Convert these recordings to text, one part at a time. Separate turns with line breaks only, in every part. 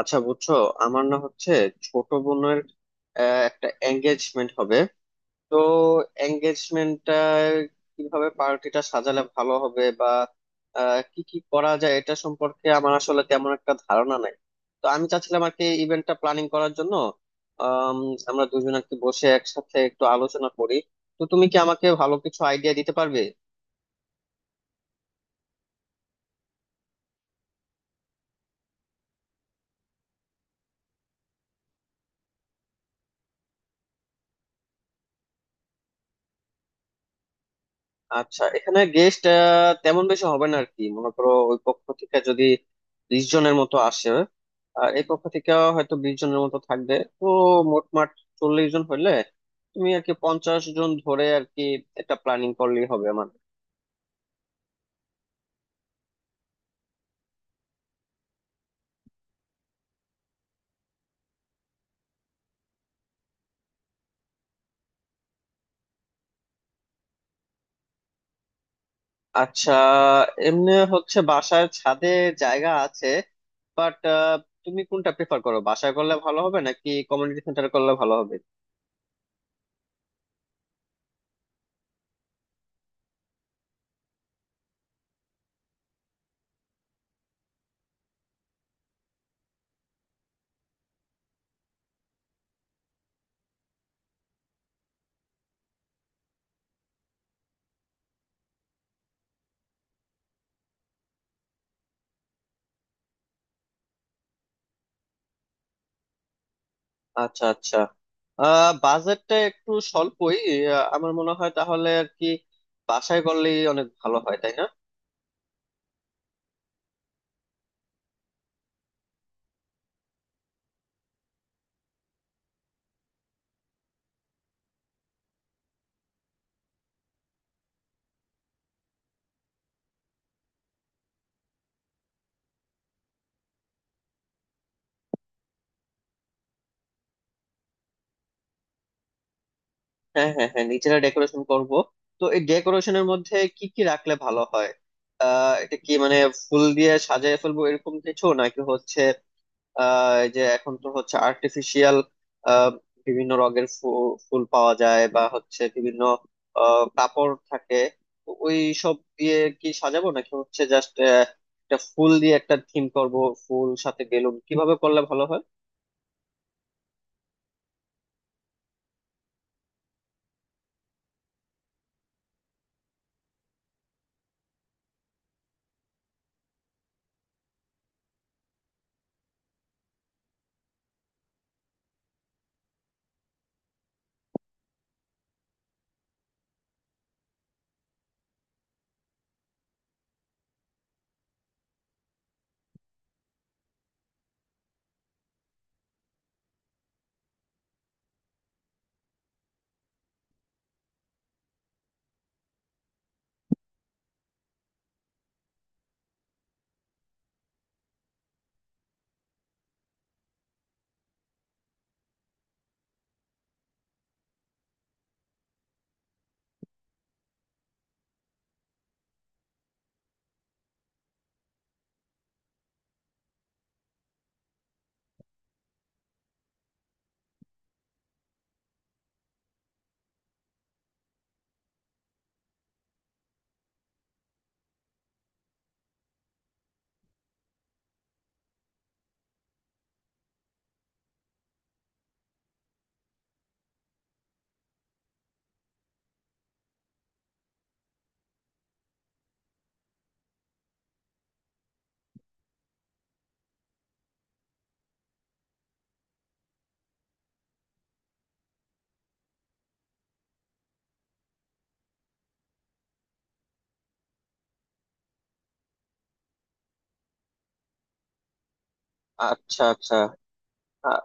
আচ্ছা, বুঝছো, আমার না হচ্ছে ছোট বোনের একটা এঙ্গেজমেন্ট হবে। তো এঙ্গেজমেন্টটা কিভাবে পার্টিটা সাজালে ভালো হবে, বা কি কি করা যায় এটা সম্পর্কে আমার আসলে তেমন একটা ধারণা নাই। তো আমি চাচ্ছিলাম আর কি ইভেন্টটা প্ল্যানিং করার জন্য আম, আমরা দুজন আর কি বসে একসাথে একটু আলোচনা করি। তো তুমি কি আমাকে ভালো কিছু আইডিয়া দিতে পারবে? আচ্ছা, এখানে গেস্ট তেমন বেশি হবে না আর কি। মনে করো ওই পক্ষ থেকে যদি 20 জনের মতো আসে, আর এই পক্ষ থেকে হয়তো 20 জনের মতো থাকবে, তো মোটমাট 40 জন হইলে, তুমি আর কি 50 জন ধরে আর কি এটা প্ল্যানিং করলেই হবে আমার। আচ্ছা, এমনি হচ্ছে বাসার ছাদে জায়গা আছে, বাট তুমি কোনটা প্রেফার করো, বাসায় করলে ভালো হবে নাকি কমিউনিটি সেন্টারে করলে ভালো হবে? আচ্ছা আচ্ছা, বাজেটটা একটু স্বল্পই। আমার মনে হয় তাহলে আর কি বাসায় করলেই অনেক ভালো হয়, তাই না? হ্যাঁ হ্যাঁ হ্যাঁ, নিজেরা ডেকোরেশন করব। তো এই ডেকোরেশনের মধ্যে কি কি রাখলে ভালো হয়? এটা কি মানে ফুল দিয়ে সাজায় ফেলবো এরকম কিছু, নাকি হচ্ছে এই যে এখন তো হচ্ছে আর্টিফিশিয়াল বিভিন্ন রঙের ফুল পাওয়া যায়, বা হচ্ছে বিভিন্ন কাপড় থাকে, তো ওই সব দিয়ে কি সাজাবো, নাকি হচ্ছে জাস্ট একটা ফুল দিয়ে একটা থিম করব, ফুল সাথে বেলুন? কিভাবে করলে ভালো হয়? আচ্ছা আচ্ছা, আ-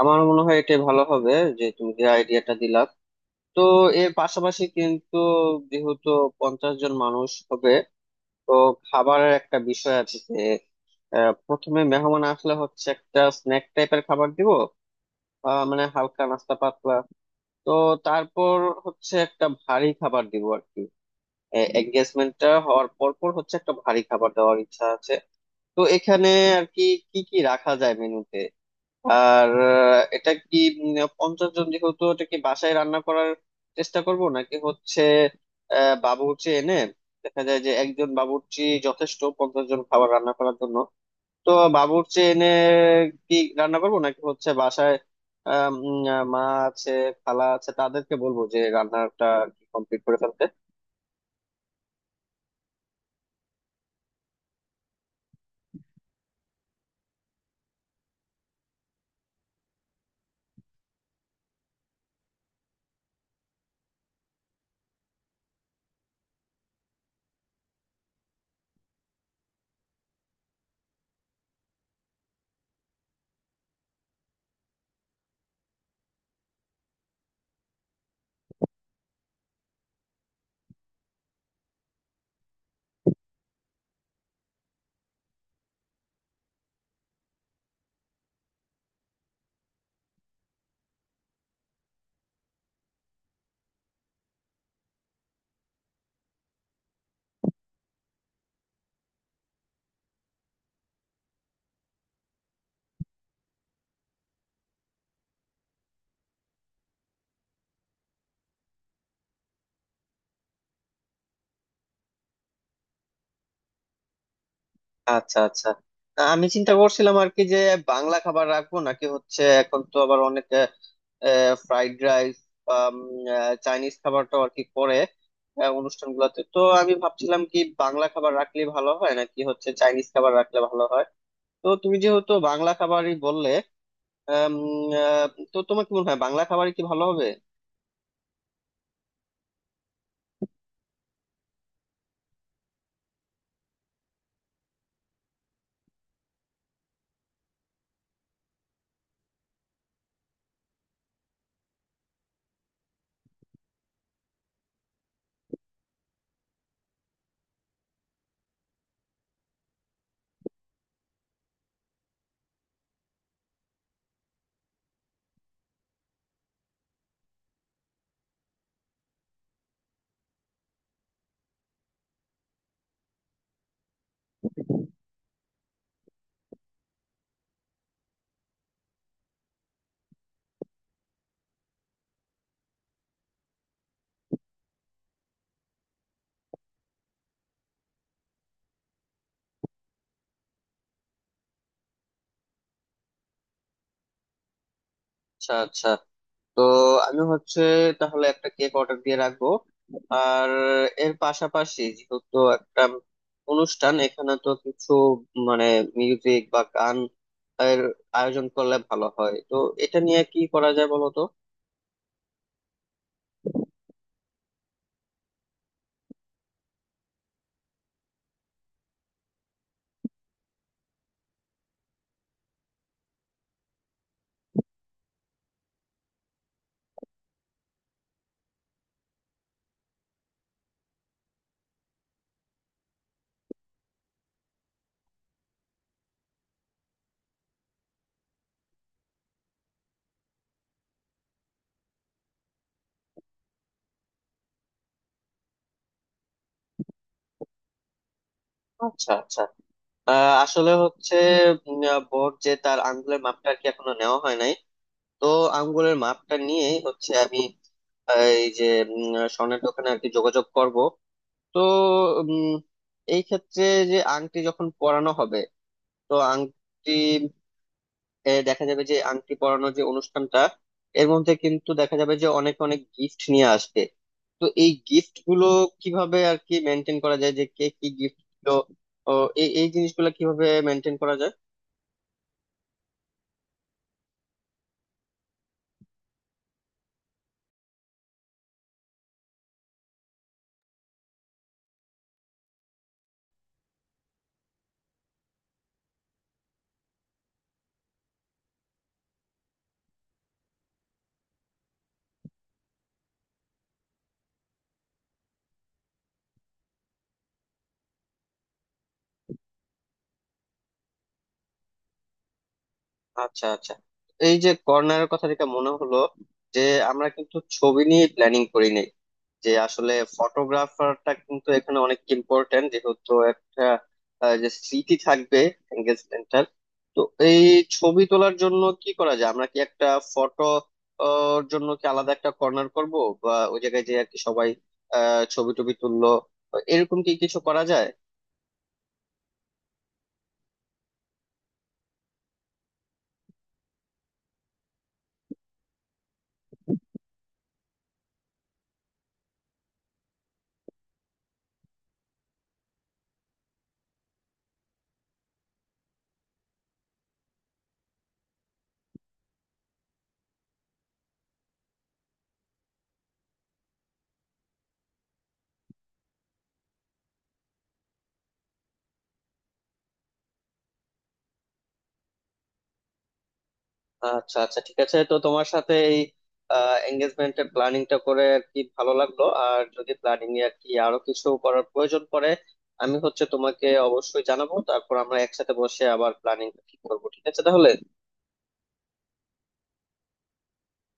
আমার মনে হয় এটা ভালো হবে যে তুমি যে আইডিয়াটা দিলা। তো এর পাশাপাশি কিন্তু যেহেতু 50 জন মানুষ হবে, তো খাবারের একটা বিষয় আছে। প্রথমে মেহমান আসলে হচ্ছে একটা স্ন্যাক টাইপের খাবার দিব, মানে হালকা নাস্তা পাতলা। তো তারপর হচ্ছে একটা ভারী খাবার দিব আর কি। এঙ্গেজমেন্টটা হওয়ার পর পর হচ্ছে একটা ভারী খাবার দেওয়ার ইচ্ছা আছে। তো এখানে আর কি কি কি রাখা যায় মেনুতে? আর এটা কি 50 জন যেহেতু, এটা কি বাসায় রান্না করার চেষ্টা করব, নাকি হচ্ছে বাবুর্চি এনে? দেখা যায় যে একজন বাবুর্চি যথেষ্ট 50 জন খাবার রান্না করার জন্য। তো বাবুর্চি এনে কি রান্না করবো, নাকি হচ্ছে বাসায় আম, উম, মা আছে, খালা আছে, তাদেরকে বলবো যে রান্নাটা কমপ্লিট করে ফেলতে। আচ্ছা আচ্ছা, আমি চিন্তা করছিলাম আর কি যে বাংলা খাবার রাখবো, নাকি হচ্ছে এখন তো আবার অনেক ফ্রাইড রাইস, চাইনিজ খাবারটাও আর কি করে অনুষ্ঠানগুলোতে। তো আমি ভাবছিলাম কি বাংলা খাবার রাখলে ভালো হয়, নাকি হচ্ছে চাইনিজ খাবার রাখলে ভালো হয়? তো তুমি যেহেতু বাংলা খাবারই বললে, আম, আহ, তো তোমার কি মনে হয়, বাংলা খাবারই কি ভালো হবে? আচ্ছা আচ্ছা, তো আমি হচ্ছে তাহলে একটা কেক অর্ডার দিয়ে রাখবো। আর এর পাশাপাশি যেহেতু একটা অনুষ্ঠান, এখানে তো কিছু মানে মিউজিক বা গান এর আয়োজন করলে ভালো হয়। তো এটা নিয়ে কি করা যায় বলো তো? আচ্ছা আচ্ছা, আসলে হচ্ছে বর যে তার আঙ্গুলের মাপটা আর কি এখনো নেওয়া হয় নাই। তো আঙ্গুলের মাপটা নিয়ে হচ্ছে আমি এই যে উম, স্বর্ণের দোকানে আর কি যোগাযোগ করব। তো উম, এই ক্ষেত্রে যে আংটি যখন পরানো হবে, তো আংটি দেখা যাবে যে আংটি পরানোর যে অনুষ্ঠানটা, এর মধ্যে কিন্তু দেখা যাবে যে অনেক অনেক গিফট নিয়ে আসবে। তো এই গিফট গুলো কিভাবে আর কি মেনটেন করা যায় যে কে কি গিফট দিলো? ও, এই এই জিনিসগুলো কিভাবে মেনটেন করা যায়? আচ্ছা আচ্ছা, এই যে কর্নারের কথা যেটা মনে হলো, যে আমরা কিন্তু ছবি নিয়ে প্ল্যানিং করিনি, যে আসলে ফটোগ্রাফারটা কিন্তু এখানে অনেক ইম্পর্টেন্ট, যেহেতু একটা যে স্মৃতি থাকবে এঙ্গেজমেন্টটার। তো এই ছবি তোলার জন্য কি করা যায়, আমরা কি একটা ফটো ওর জন্য কি আলাদা একটা কর্নার করব, বা ওই জায়গায় যে আর কি সবাই ছবি টবি তুললো, এরকম কি কিছু করা যায়? আচ্ছা আচ্ছা, ঠিক আছে। তো তোমার সাথে এই এঙ্গেজমেন্টের প্ল্যানিংটা করে আর কি ভালো লাগলো। আর যদি প্ল্যানিং এ আর কি আরো কিছু করার প্রয়োজন পড়ে, আমি হচ্ছে তোমাকে অবশ্যই জানাবো। তারপর আমরা একসাথে বসে আবার প্ল্যানিং ঠিক করবো। ঠিক আছে তাহলে।